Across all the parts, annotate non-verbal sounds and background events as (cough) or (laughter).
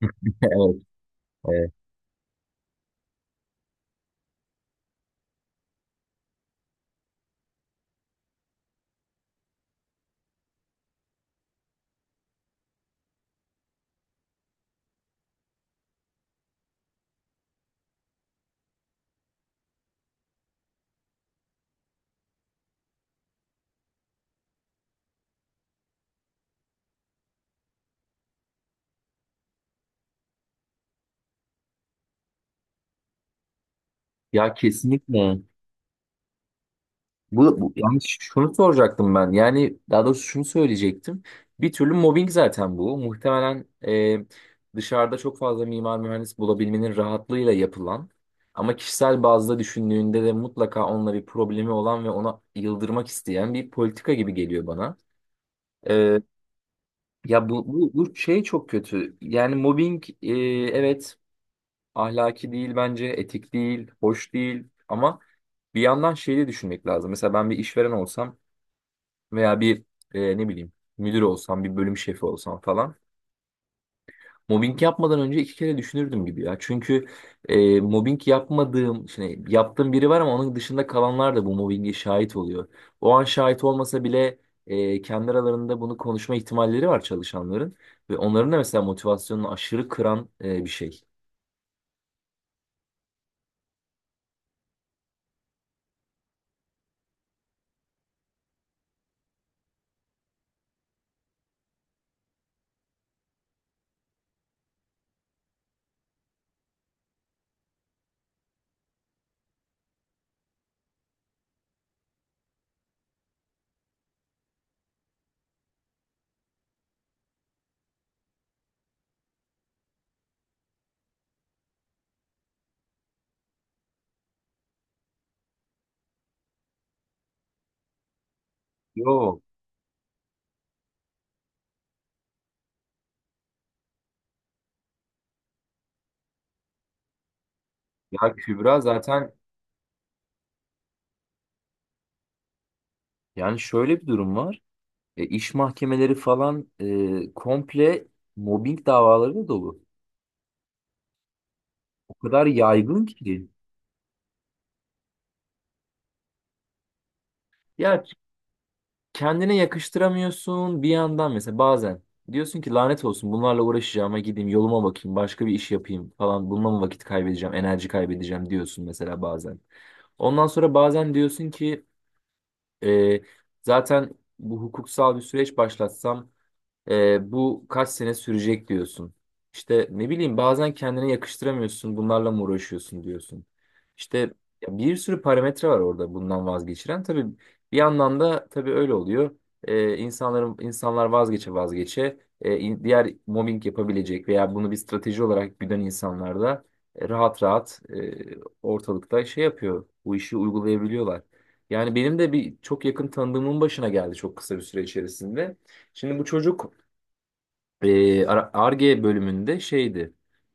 (laughs) Evet, evet. Ya kesinlikle. Bu yani şunu soracaktım ben. Yani daha doğrusu şunu söyleyecektim. Bir türlü mobbing zaten bu. Muhtemelen dışarıda çok fazla mimar mühendis bulabilmenin rahatlığıyla yapılan ama kişisel bazda düşündüğünde de mutlaka onunla bir problemi olan ve ona yıldırmak isteyen bir politika gibi geliyor bana. E, ya bu şey çok kötü. Yani mobbing evet ahlaki değil bence, etik değil, hoş değil ama bir yandan şeyi de düşünmek lazım. Mesela ben bir işveren olsam veya bir ne bileyim müdür olsam, bir bölüm şefi olsam falan mobbing yapmadan önce iki kere düşünürdüm gibi ya. Çünkü mobbing yapmadığım, şimdi yaptığım biri var ama onun dışında kalanlar da bu mobbinge şahit oluyor. O an şahit olmasa bile kendi aralarında bunu konuşma ihtimalleri var çalışanların ve onların da mesela motivasyonunu aşırı kıran bir şey. Yok. Ya Kübra zaten yani şöyle bir durum var. İş mahkemeleri falan komple mobbing davalarıyla dolu. O kadar yaygın ki. Ya kendine yakıştıramıyorsun bir yandan mesela bazen. Diyorsun ki lanet olsun bunlarla uğraşacağıma gideyim yoluma bakayım başka bir iş yapayım falan. Bununla mı vakit kaybedeceğim enerji kaybedeceğim diyorsun mesela bazen. Ondan sonra bazen diyorsun ki e, zaten bu hukuksal bir süreç başlatsam. Bu kaç sene sürecek diyorsun. İşte ne bileyim bazen kendine yakıştıramıyorsun, bunlarla mı uğraşıyorsun diyorsun. İşte ya bir sürü parametre var orada bundan vazgeçiren. Tabii bir yandan da tabii öyle oluyor. İnsanların insanlar vazgeçe vazgeçe diğer mobbing yapabilecek veya bunu bir strateji olarak güden insanlar da rahat rahat ortalıkta şey yapıyor. Bu işi uygulayabiliyorlar. Yani benim de bir çok yakın tanıdığımın başına geldi çok kısa bir süre içerisinde. Şimdi bu çocuk Ar-Ge bölümünde şeydi.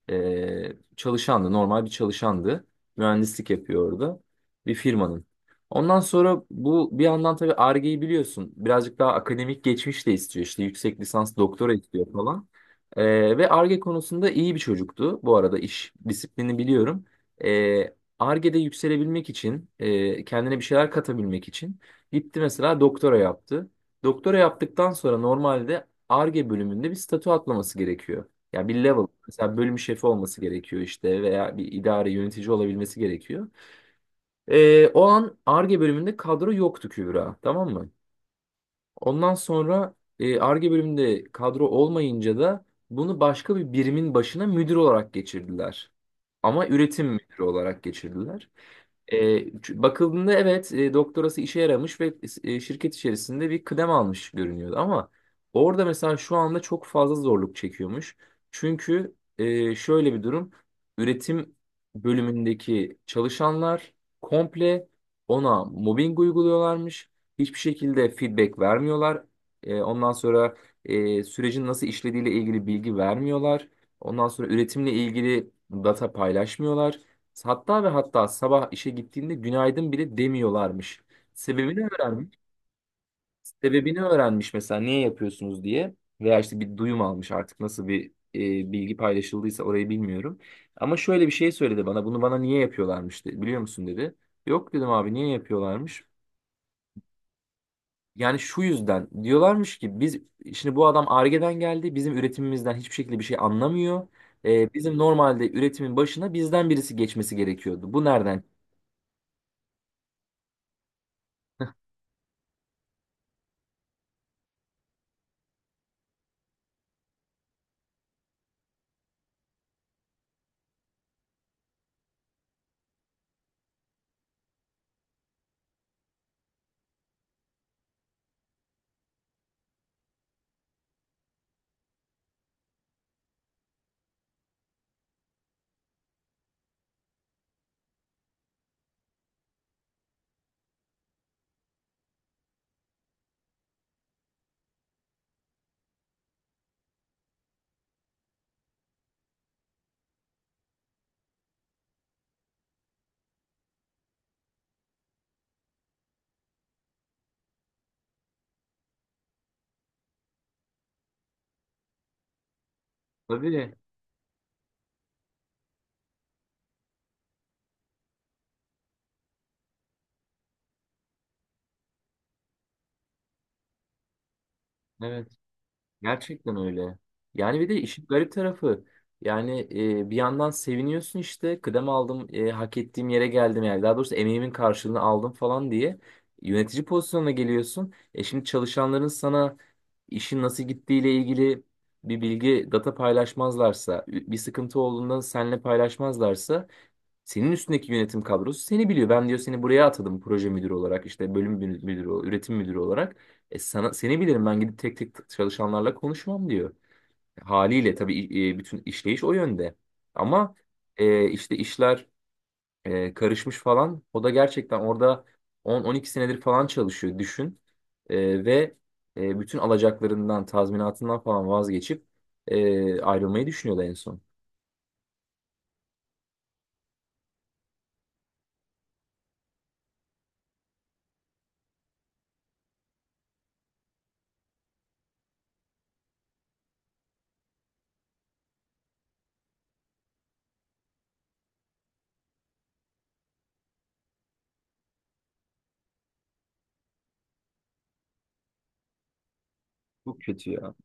Çalışandı. Normal bir çalışandı. Mühendislik yapıyor orada. Bir firmanın. Ondan sonra bu bir yandan tabii Ar-Ge'yi biliyorsun. Birazcık daha akademik geçmiş de istiyor. İşte yüksek lisans doktora istiyor falan. Ve Ar-Ge konusunda iyi bir çocuktu. Bu arada iş disiplini biliyorum. E, Ar-Ge'de yükselebilmek için, kendine bir şeyler katabilmek için gitti mesela doktora yaptı. Doktora yaptıktan sonra normalde Ar-Ge bölümünde bir statü atlaması gerekiyor. Yani bir level. Mesela bölüm şefi olması gerekiyor işte veya bir idare yönetici olabilmesi gerekiyor. O an Ar-Ge bölümünde kadro yoktu Kübra. Tamam mı? Ondan sonra Ar-Ge bölümünde kadro olmayınca da bunu başka bir birimin başına müdür olarak geçirdiler. Ama üretim müdürü olarak geçirdiler. E, bakıldığında evet doktorası işe yaramış ve şirket içerisinde bir kıdem almış görünüyordu. Ama orada mesela şu anda çok fazla zorluk çekiyormuş. Çünkü şöyle bir durum. Üretim bölümündeki çalışanlar komple ona mobbing uyguluyorlarmış. Hiçbir şekilde feedback vermiyorlar. Ondan sonra sürecin nasıl işlediğiyle ilgili bilgi vermiyorlar. Ondan sonra üretimle ilgili data paylaşmıyorlar. Hatta ve hatta sabah işe gittiğinde günaydın bile demiyorlarmış. Sebebini öğrenmiş. Sebebini öğrenmiş mesela niye yapıyorsunuz diye. Veya işte bir duyum almış artık nasıl bir bilgi paylaşıldıysa orayı bilmiyorum. Ama şöyle bir şey söyledi bana. Bunu bana niye yapıyorlarmış dedi. Biliyor musun dedi. Yok dedim abi niye yapıyorlarmış. Yani şu yüzden diyorlarmış ki biz şimdi bu adam Ar-Ge'den geldi bizim üretimimizden hiçbir şekilde bir şey anlamıyor. Bizim normalde üretimin başına bizden birisi geçmesi gerekiyordu. Bu nereden? Tabii. (laughs) Evet. Gerçekten öyle. Yani bir de işin garip tarafı yani bir yandan seviniyorsun işte kıdem aldım, hak ettiğim yere geldim yani daha doğrusu emeğimin karşılığını aldım falan diye yönetici pozisyonuna geliyorsun. E şimdi çalışanların sana işin nasıl gittiğiyle ilgili bir bilgi data paylaşmazlarsa bir sıkıntı olduğunda seninle paylaşmazlarsa senin üstündeki yönetim kadrosu seni biliyor. Ben diyor seni buraya atadım proje müdürü olarak, işte müdürü, üretim müdürü olarak. Seni bilirim ben gidip tek tek çalışanlarla konuşmam diyor. Haliyle tabii bütün işleyiş o yönde. Ama işte işler karışmış falan. O da gerçekten orada 10-12 senedir falan çalışıyor düşün. Ve bütün alacaklarından, tazminatından falan vazgeçip ayrılmayı düşünüyordu en son. Çok kötü ya.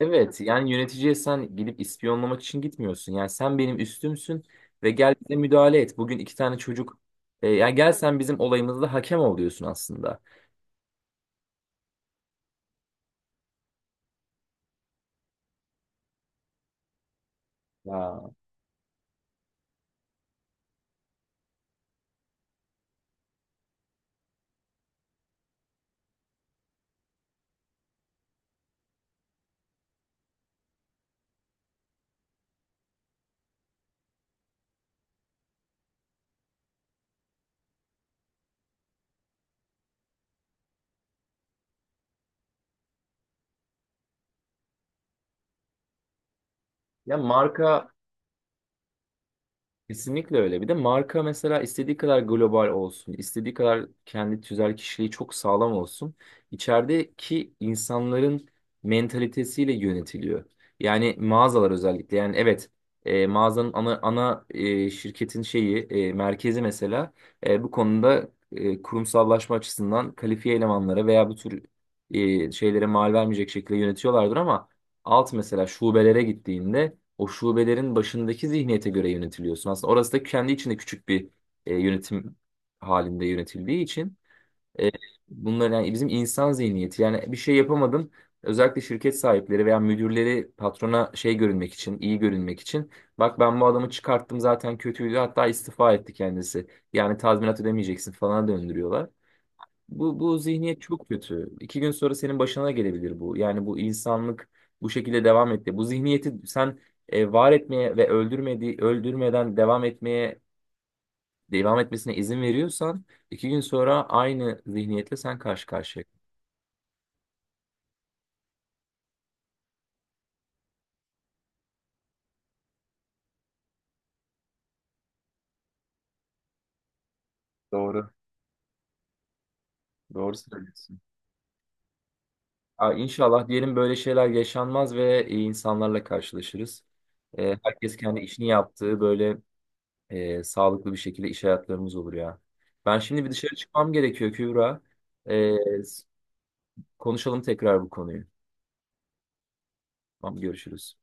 Evet yani yöneticiye sen gidip ispiyonlamak için gitmiyorsun. Yani sen benim üstümsün ve gel bize müdahale et. Bugün iki tane çocuk yani gel sen bizim olayımızda hakem ol diyorsun aslında. Ya, marka kesinlikle öyle. Bir de marka mesela istediği kadar global olsun, istediği kadar kendi tüzel kişiliği çok sağlam olsun. İçerideki insanların mentalitesiyle yönetiliyor. Yani mağazalar özellikle. Yani evet mağazanın ana şirketin şeyi merkezi mesela bu konuda kurumsallaşma açısından kalifiye elemanlara veya bu tür şeylere mal vermeyecek şekilde yönetiyorlardır ama alt mesela şubelere gittiğinde o şubelerin başındaki zihniyete göre yönetiliyorsun. Aslında orası da kendi içinde küçük bir yönetim halinde yönetildiği için e, bunlar yani bizim insan zihniyeti yani bir şey yapamadın özellikle şirket sahipleri veya müdürleri patrona şey görünmek için iyi görünmek için bak ben bu adamı çıkarttım zaten kötüydü hatta istifa etti kendisi yani tazminat ödemeyeceksin falan döndürüyorlar. Bu zihniyet çok kötü. İki gün sonra senin başına gelebilir bu. Yani bu insanlık bu şekilde devam etti. Bu zihniyeti sen var etmeye ve öldürmeden devam etmesine izin veriyorsan iki gün sonra aynı zihniyetle sen karşı karşıya. Doğru. Doğru söylüyorsun. Aa, İnşallah diyelim böyle şeyler yaşanmaz ve iyi insanlarla karşılaşırız. E, herkes kendi işini yaptığı böyle sağlıklı bir şekilde iş hayatlarımız olur ya. Ben şimdi bir dışarı çıkmam gerekiyor Kübra. E, s- konuşalım tekrar bu konuyu. Tamam, görüşürüz.